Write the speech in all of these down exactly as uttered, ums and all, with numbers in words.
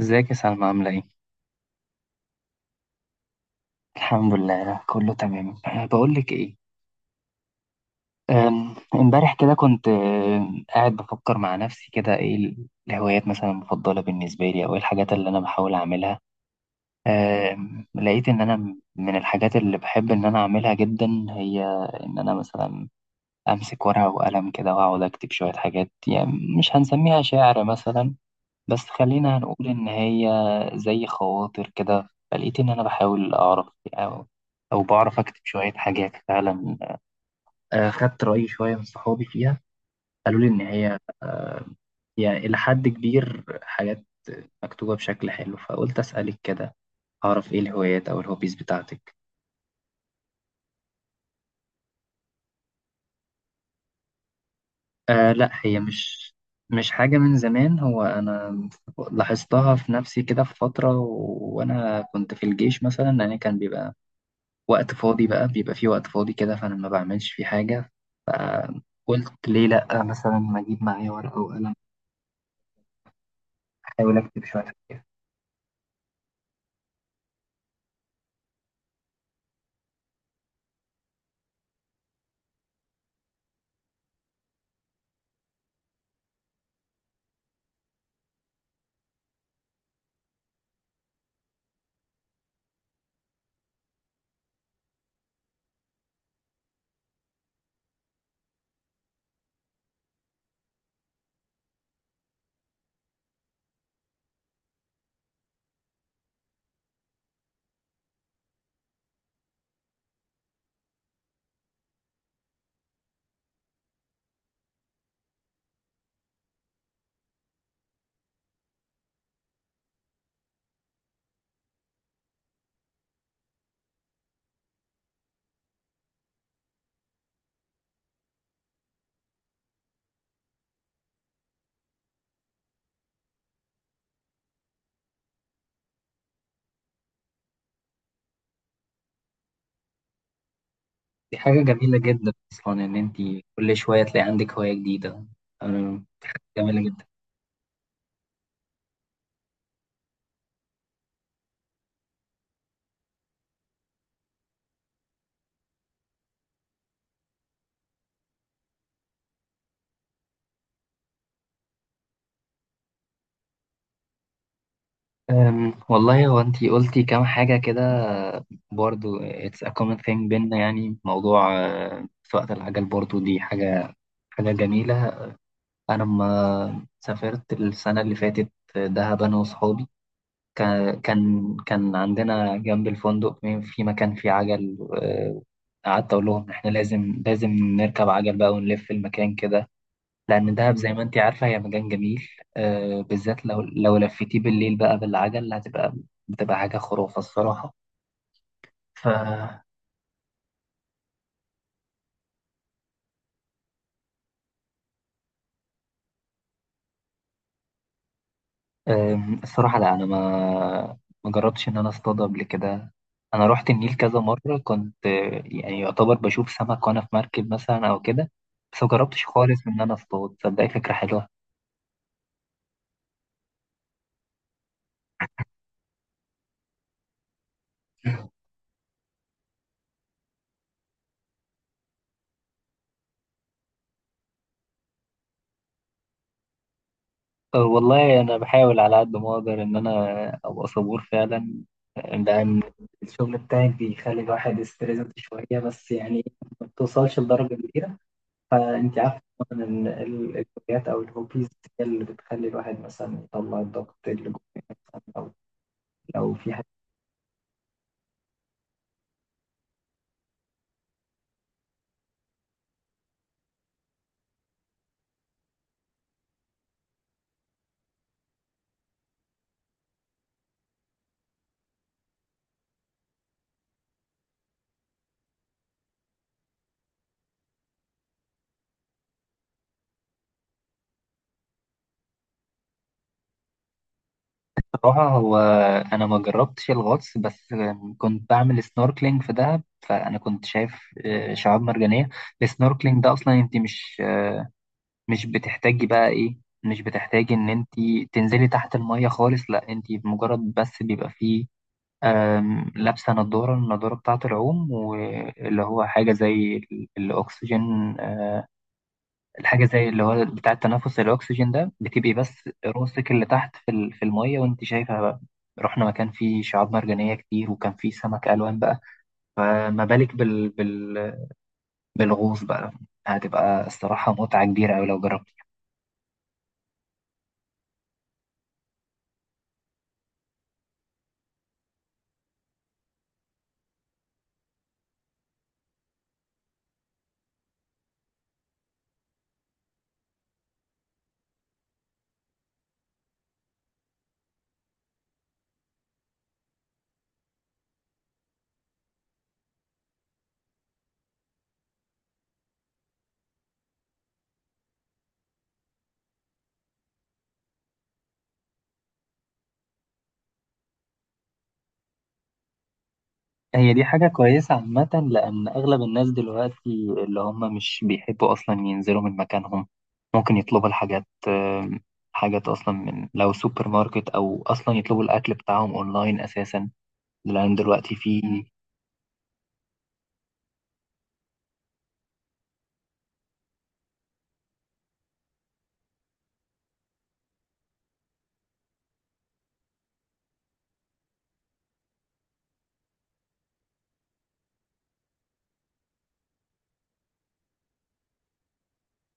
ازيك يا سلمى، عاملة ايه؟ الحمد لله، كله تمام. أه، بقولك ايه. أم، امبارح كده كنت أم، قاعد بفكر مع نفسي كده، ايه ال- الهوايات مثلا المفضلة بالنسبة لي، او ايه الحاجات اللي انا بحاول اعملها. أم، لقيت ان انا م- من الحاجات اللي بحب ان انا اعملها جدا هي ان انا مثلا امسك ورقة وقلم كده واقعد اكتب شوية حاجات، يعني مش هنسميها شعر مثلا، بس خلينا نقول إن هي زي خواطر كده. فلقيت إن أنا بحاول أعرف أو, أو بعرف أكتب شوية حاجات فعلا. آه، خدت رأي شوية من صحابي فيها، قالوا لي إن هي يعني إلى حد كبير حاجات مكتوبة بشكل حلو، فقلت أسألك كده أعرف إيه الهوايات أو الهوبيز بتاعتك. آه لا، هي مش مش حاجة من زمان. هو أنا لاحظتها في نفسي كده في فترة، و- وأنا كنت في الجيش مثلا. أنا كان بيبقى وقت فاضي، بقى بيبقى فيه وقت فاضي كده، فأنا ما بعملش فيه حاجة. فقلت ليه لأ، مثلا ما أجيب معايا ورقة وقلم أحاول أكتب شوية حاجات. دي حاجة جميلة جدا أصلا إن أنت كل شوية تلاقي عندك هواية جديدة، أنا حاجة جميلة جدا. أم، والله، هو أنت قلتي كام حاجة كده برضو، it's a common thing بينا. يعني موضوع آه، سواقة العجل برضو، دي حاجة حاجة جميلة. أنا لما سافرت السنة اللي فاتت دهب، أنا وصحابي، كان كان كان عندنا جنب الفندق مين- في مكان فيه عجل. آه، قعدت أقول لهم إحنا لازم لازم نركب عجل بقى ونلف المكان كده، لأن دهب زي ما أنت عارفة هي مكان جميل. آه، بالذات لو لو لفيتيه بالليل بقى بالعجل، هتبقى بتبقى حاجة خرافة الصراحة. ف أم، الصراحة لا، أنا ما ما جربتش إن أنا أصطاد قبل كده. أنا رحت النيل كذا مرة، كنت آه، يعني يعتبر بشوف سمك وأنا في مركب مثلا أو كده، بس ما جربتش خالص إن أنا أصطاد. صدقني، فكرة حلوة. أه، والله، أنا بحاول على قد ما أقدر إن أنا أبقى صبور فعلا، لأن الشغل بتاعك بيخلي الواحد يستريس شوية، بس يعني ما بتوصلش لدرجة كبيرة. فأنت عارفة طبعا إن ال- الهوايات أو الهوبيز هي اللي بتخلي الواحد مثلا يطلع الضغط اللي جواه، مثلا لو لو في حاجة. بصراحة هو أنا ما جربتش الغطس، بس كنت بعمل سنوركلينج في دهب، فأنا كنت شايف آه، شعاب مرجانية. السنوركلينج ده أصلا أنت مش آه، مش بتحتاجي بقى إيه مش بتحتاجي إن أنت تنزلي تحت المية خالص. لا أنت مجرد بس بيبقى فيه آم، لابسة نضارة، النضارة بتاعة العوم، واللي هو حاجة زي ال- الأكسجين، آه، الحاجة زي اللي هو بتاع التنفس الأكسجين ده. بتبقي بس راسك اللي تحت في ال- في المية، وأنت شايفة بقى. رحنا مكان فيه شعاب مرجانية كتير، وكان فيه سمك ألوان بقى. فما بالك بال... بال... بالغوص بقى؟ هتبقى الصراحة متعة كبيرة أوي لو جربت. هي دي حاجة كويسة عامة، لأن أغلب الناس دلوقتي اللي هم مش بيحبوا أصلا ينزلوا من مكانهم، ممكن يطلبوا الحاجات آم، حاجات أصلا من لو سوبر ماركت، أو أصلا يطلبوا الأكل بتاعهم أونلاين أساسا، لأن دلوقتي في.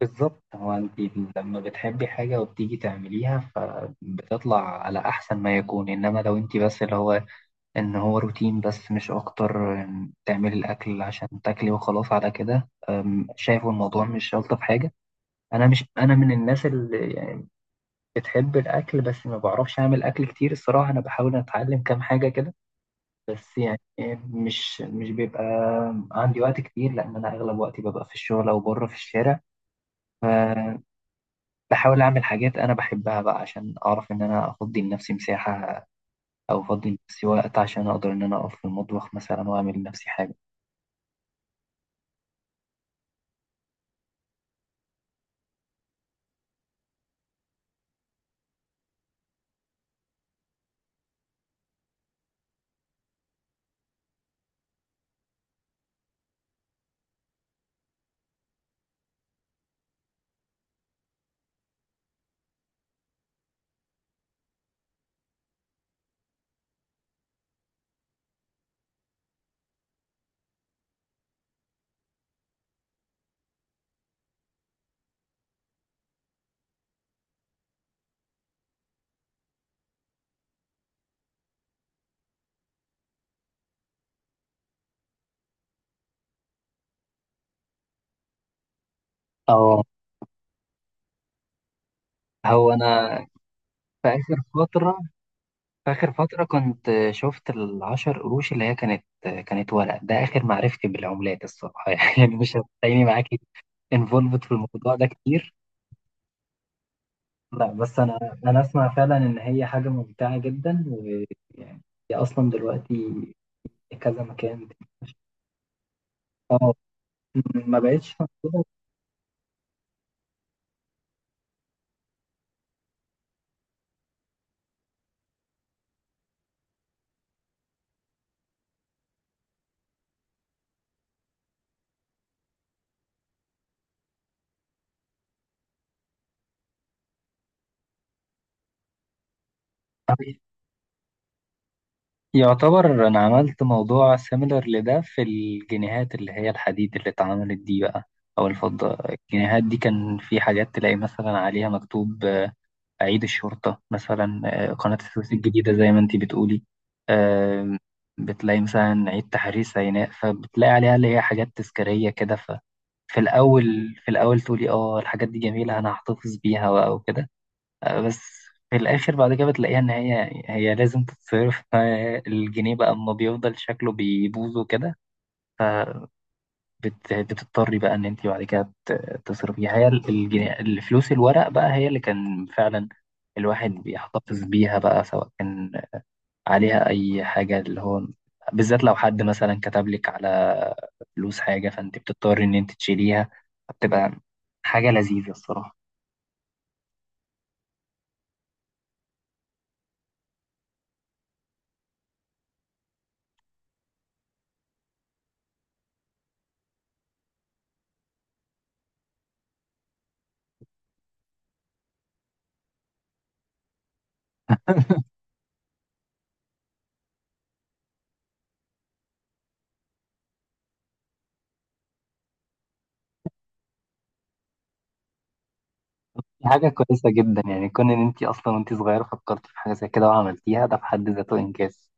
بالظبط، هو أنت لما بتحبي حاجة وبتيجي تعمليها فبتطلع على أحسن ما يكون، إنما لو أنت بس اللي هو إن هو روتين بس مش أكتر، آم، تعملي الأكل عشان تاكلي وخلاص على كده، آم، شايفه الموضوع مش ألطف حاجة. انا مش انا من الناس اللي يعني بتحب الاكل، بس ما بعرفش اعمل اكل كتير الصراحه. انا بحاول اتعلم كام حاجه كده، بس يعني مش مش بيبقى عندي وقت كتير، لان انا اغلب وقتي ببقى في الشغل او بره في الشارع. فبحاول اعمل حاجات انا بحبها بقى، عشان اعرف ان انا افضي لنفسي مساحه، او افضي لنفسي وقت عشان اقدر ان انا اقف في المطبخ مثلا واعمل لنفسي حاجه. اه، هو انا في اخر فتره آخر فترة كنت شفت العشر قروش اللي هي كانت كانت ورق، ده آخر معرفتي بالعملات الصراحة. يعني مش هتلاقيني معاكي انفولفد في الموضوع ده كتير. لا بس أنا أنا أسمع فعلا إن هي حاجة ممتعة جدا، ويعني هي أصلا دلوقتي كذا مكان. اه، ما بقتش موجودة. يعتبر أنا عملت موضوع سيميلر لده في الجنيهات، اللي هي الحديد اللي اتعملت دي بقى، أو الفضة. الجنيهات دي كان في حاجات تلاقي مثلا عليها مكتوب أعيد الشرطة مثلا، آه، قناة السويس الجديدة زي ما أنتي بتقولي، آم، بتلاقي مثلا عيد تحرير سيناء، فبتلاقي عليها اللي هي حاجات تذكارية كده. ففي الأول في الأول تقولي اه الحاجات دي جميلة أنا هحتفظ بيها و- وكده، آه، بس في الآخر بعد كده بتلاقيها إن هي هي لازم تتصرف، آه، الجنيه بقى أما بيفضل شكله بيبوظ وكده. بت... بتضطري بقى ان انت بعد كده ت- تصرفيها، هي ال- الجنيه، الفلوس الورق بقى هي اللي كان فعلا الواحد بيحتفظ بيها بقى، سواء كان عليها اي حاجه اللي هو، بالذات لو حد مثلا كتب لك على فلوس حاجه فانت بتضطري ان انت تشيليها. بتبقى حاجه لذيذه الصراحه. حاجه كويسه جدا يعني، كون ان انت اصلا وانت صغيره فكرتي في حاجه زي كده وعملتيها، ده في حد ذاته انجاز.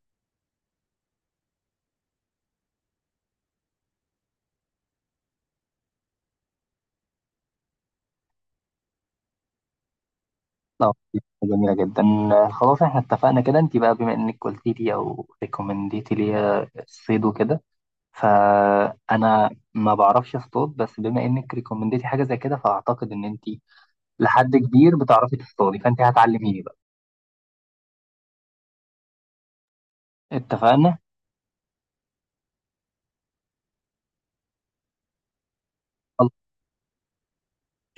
اه، جميلة جدا. خلاص، احنا اتفقنا كده. انت بقى بما انك قلتي لي او ريكومنديتي لي الصيد وكده، فانا ما بعرفش اصطاد، بس بما انك ريكومنديتي حاجة زي كده، فاعتقد ان انت لحد كبير بتعرفي تصطادي، فانت هتعلميني بقى. اتفقنا. خلاص،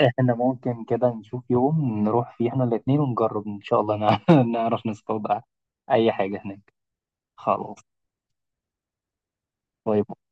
احنا ممكن كده نشوف يوم نروح فيه احنا الاتنين ونجرب ان شاء الله نع- نعرف نصطاد اي حاجة هناك. خلاص. طيب.